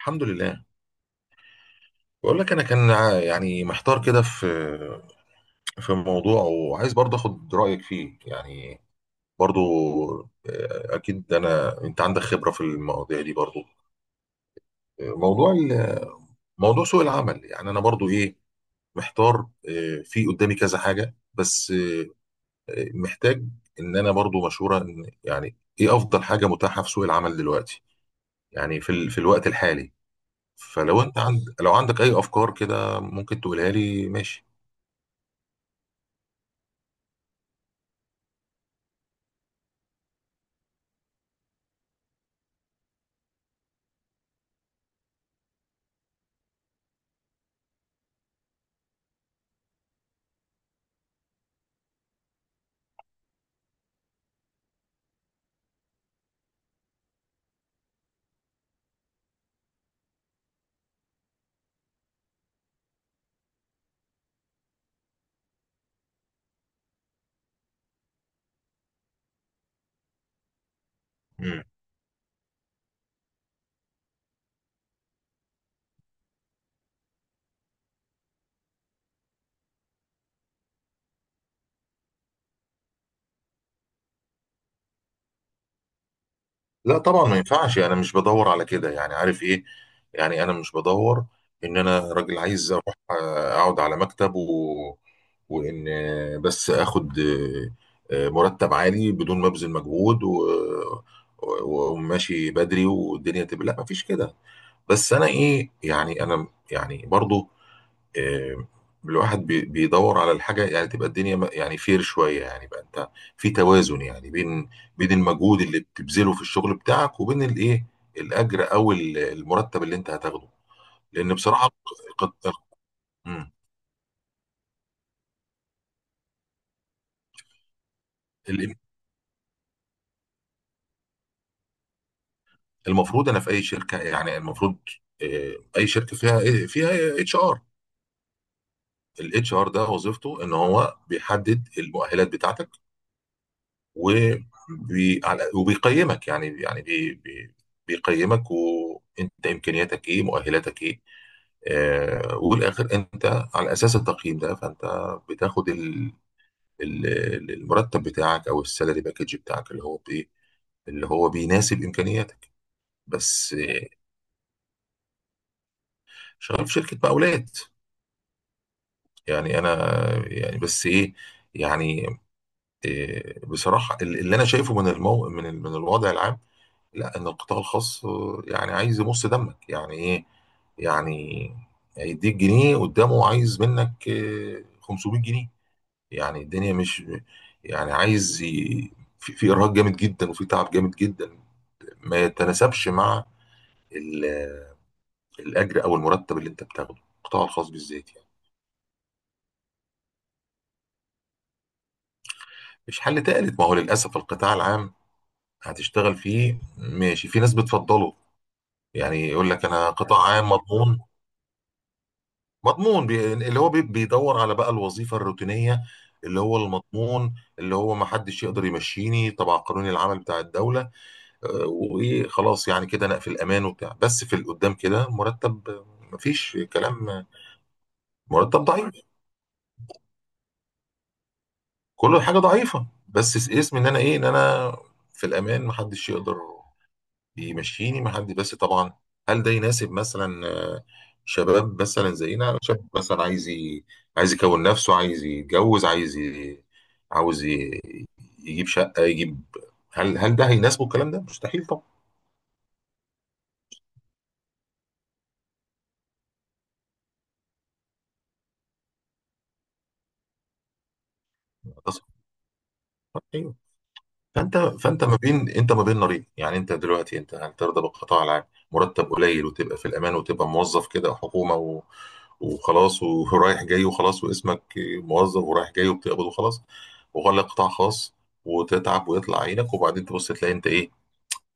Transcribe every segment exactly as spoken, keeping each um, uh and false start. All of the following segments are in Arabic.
الحمد لله. بقول لك انا كان ع- يعني محتار كده في في موضوع، وعايز برضه اخد رايك فيه يعني، برضه. آه، اكيد انا انت عندك خبره في المواضيع دي برضه. آه، موضوع ال- موضوع سوق العمل، يعني انا برضه ايه، محتار. آه، في قدامي كذا حاجه، بس آه، محتاج ان انا برضه مشوره، ان يعني ايه افضل حاجه متاحه في سوق العمل دلوقتي؟ يعني في ال- في الوقت الحالي. فلو انت عند لو عندك اي افكار كده ممكن تقولها لي، ماشي. لا طبعا، ما ينفعش، انا مش بدور على كده يعني، عارف ايه؟ يعني انا مش بدور ان انا راجل عايز اروح آه، اقعد على مكتب و... وان آه، بس اخد آه، آه، مرتب عالي بدون ما ابذل مجهود، و... و- وماشي بدري، والدنيا تبقى، لا مفيش كده. بس انا ايه، يعني انا يعني برضو آه، الواحد بي- بيدور على الحاجة، يعني تبقى الدنيا م- يعني فير شوية يعني، بقى انت في توازن يعني بين بين المجهود اللي بتبذله في الشغل بتاعك، وبين الايه، الاجر او ال- المرتب اللي انت هتاخده. لان بصراحة قد- مم. ال- المفروض انا في اي شركة، يعني المفروض آه، اي شركة فيها إيه، فيها اتش ار. الاتش ار ده وظيفته ان هو بيحدد المؤهلات بتاعتك، وبي... على- وبيقيمك، يعني يعني بي... بي... بيقيمك وانت، امكانياتك ايه، مؤهلاتك ايه. آه، والاخر انت على اساس التقييم ده فانت بتاخد ال... ال... ال- المرتب بتاعك، او السالري باكج بتاعك، اللي هو بايه، اللي هو بيناسب امكانياتك. بس آه، شغال في شركه مقاولات يعني. انا يعني، بس ايه يعني، آه، بصراحه ال- اللي انا شايفه من المو... من ال- من الوضع العام، لا، ان القطاع الخاص آه، يعني عايز يمص دمك يعني ايه. يعني هيديك جنيه، قدامه عايز منك آه، خمسمية جنيه. يعني الدنيا مش، يعني عايز ي... في في ارهاق جامد جدا وفي تعب جامد جدا، ما يتناسبش مع ال... الاجر او المرتب اللي انت بتاخده، القطاع الخاص بالذات يعني. مش حل تالت، ما هو للاسف القطاع العام هتشتغل فيه ماشي، في ناس بتفضله، يعني يقول لك انا قطاع عام مضمون. مضمون بي... اللي هو بي... بيدور على بقى الوظيفة الروتينية، اللي هو المضمون، اللي هو ما حدش يقدر يمشيني طبعا، قانون العمل بتاع الدولة. آه، وايه، خلاص يعني كده انا في الامان وبتاع، بس في القدام كده مرتب، آه، مفيش كلام. آه، مرتب ضعيف، كل حاجة ضعيفة، بس اسم ان انا ايه، ان انا في الامان، ما حدش يقدر بيمشيني مع حد، بس طبعا هل ده يناسب مثلا آه، شباب مثلا زينا، شاب مثلا عايز ي- عايز يكون نفسه، عايز يتجوز، عايز ي- عاوز ي- يجيب شقة، يجيب، هل هل ده هيناسبه الكلام ده؟ مستحيل طبعا. فانت فانت ما بين، انت ما بين نارين يعني. انت دلوقتي انت، هل ترضى بالقطاع العام، مرتب قليل، وتبقى في الامان، وتبقى موظف كده حكومه و... وخلاص، ورايح جاي، وخلاص واسمك موظف ورايح جاي وبتقبض وخلاص، وغلق قطاع خاص وتتعب ويطلع عينك، وبعدين تبص تلاقي انت ايه،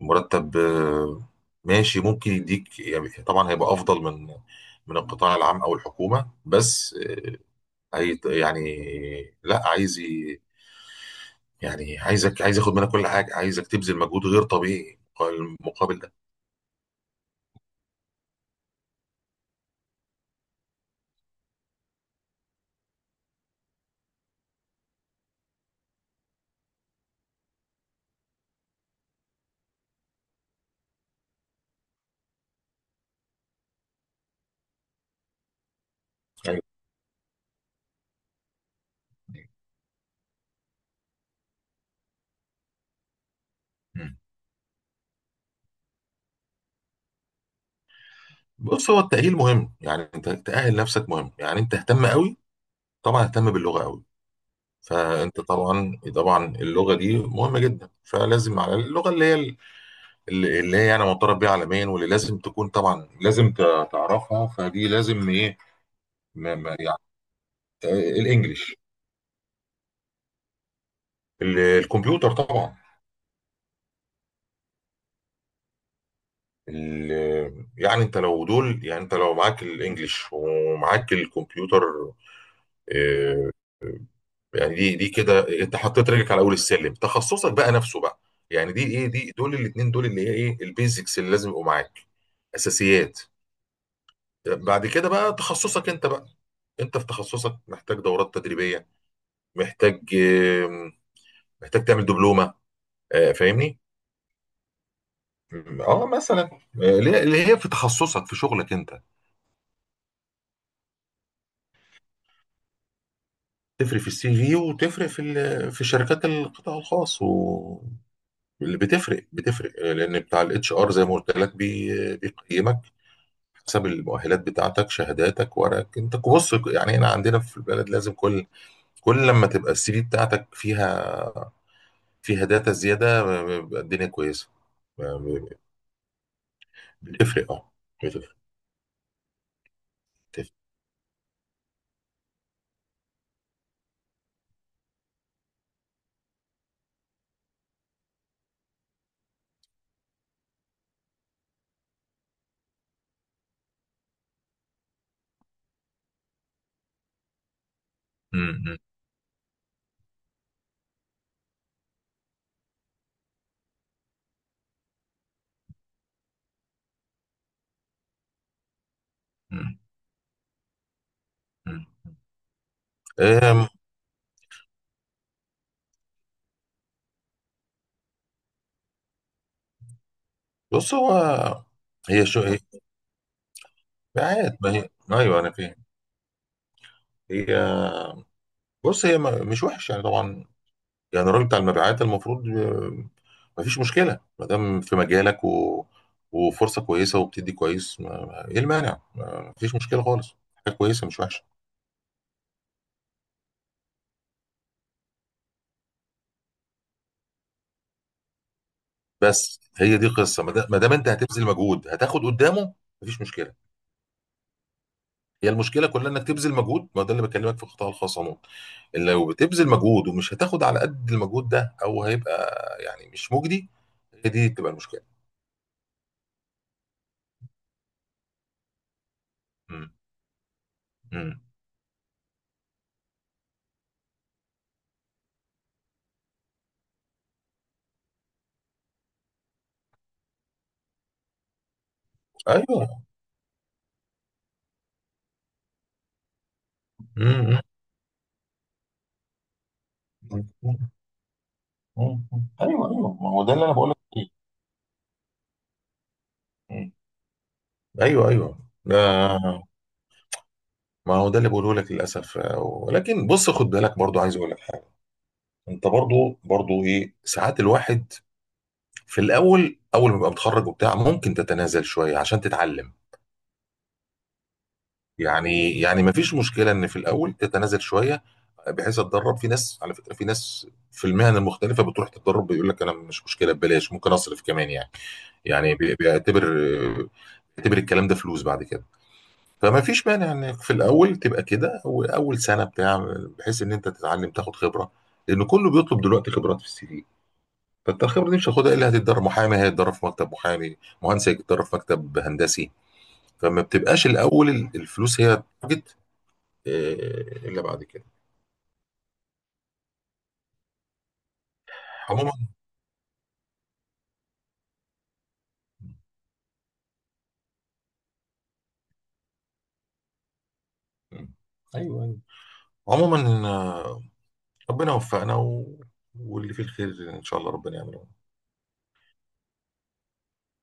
مرتب آه، ماشي، ممكن يديك يعني. طبعا هيبقى افضل من من القطاع العام او الحكومه، بس آه، هي يعني، لا، عايز يعني، عايزك عايز اخد منك كل حاجه، عايزك تبذل مجهود غير طبيعي، المقابل ده ايوه. مم. بص، هو التأهيل مهم يعني. انت تأهل نفسك مهم يعني، انت اهتم قوي، طبعا اهتم باللغة قوي. فانت طبعا، طبعا اللغة دي مهمة جدا، فلازم على اللغة اللي هي، اللي اللي هي يعني معترف بيها عالميا، واللي لازم تكون طبعا، لازم ت- تعرفها، فدي لازم ايه، ما ما يعني آه، الانجليش. ال- الكمبيوتر طبعا. ال- يعني انت لو دول، يعني انت لو معاك الانجليش ومعاك الكمبيوتر آه، يعني دي دي كده انت حطيت رجلك على اول السلم، تخصصك بقى نفسه بقى. يعني دي ايه، دي دول الاثنين دول اللي هي ايه، البيزكس اللي لازم يبقوا معاك، اساسيات. بعد كده بقى تخصصك انت بقى، انت في تخصصك محتاج دورات تدريبية، محتاج آم، محتاج تعمل دبلومة. آه، فاهمني، اه مثلا آه، اللي هي اللي هي في تخصصك، في شغلك انت، تفرق في السي في، وتفرق في ال- في شركات القطاع الخاص، واللي بتفرق بتفرق آه، لان بتاع الاتش ار زي ما قلت لك بي- بيقيمك حسب المؤهلات بتاعتك، شهاداتك، ورقك انت، بص يعني، هنا عندنا في البلد لازم كل كل لما تبقى السي في بتاعتك فيها فيها داتا زياده، بيبقى الدنيا كويسه. بتفرق، اه، بتفرق، بتفرق. م- م- م- م. أم، بص، هو هي شو هي مبيعات، ما هي، ايوه انا فاهم هي، بص هي ما- مش وحش يعني، طبعا يعني الراجل بتاع المبيعات المفروض آه، ما فيش مشكله، ما دام في مجالك و... وفرصه كويسه وبتدي كويس، ما... ما- ايه المانع، ما فيش مشكله خالص، حاجه كويسه مش وحشه. بس هي دي قصه، ما دا- ما دام انت هتبذل مجهود هتاخد قدامه، ما فيش مشكله. هي المشكله كلها انك تبذل مجهود، ما ده اللي بكلمك في القطاع الخاص عموما، إن لو بتبذل مجهود ومش هتاخد على قد المجهود ده، او هيبقى يعني مش مجدي، هي دي تبقى المشكله. امم، امم، ايوه، امم، امم. مم. ايوه، ايوه، ما هو ده اللي انا بقول لك فيه. مم. ايوه، ايوه، آه، ما هو ده اللي بقوله لك للاسف. آه، ولكن بص، خد بالك برضو، عايز اقول لك حاجه. انت برضو، برضو ايه، ساعات الواحد في الاول، اول ما يبقى متخرج وبتاع، ممكن تتنازل شويه عشان تتعلم يعني. يعني ما فيش مشكله ان في الاول تتنازل شويه، بحيث اتدرب. في ناس على فكره، في ناس في المهن المختلفه بتروح تتدرب، بيقول لك انا مش مشكله ببلاش، ممكن اصرف كمان يعني. يعني بي- بيعتبر آه، بيعتبر الكلام ده فلوس بعد كده. فما فيش مانع انك في الاول تبقى كده، اول اول سنه بتاع، بحيث ان انت تتعلم تاخد خبره، لان كله بيطلب دلوقتي خبرات في السي في، فانت الخبره دي مش هتاخدها الا هتتدرب. محامي هيتدرب في مكتب محامي، مهندس هيتدرب في مكتب هندسي، فما بتبقاش الاول ال- الفلوس هي تارجت، الا بعد كده. عموما. مم. ايوه، ايوه. عموما آه، ربنا وفقنا و... واللي فيه الخير ان شاء الله ربنا يعمله.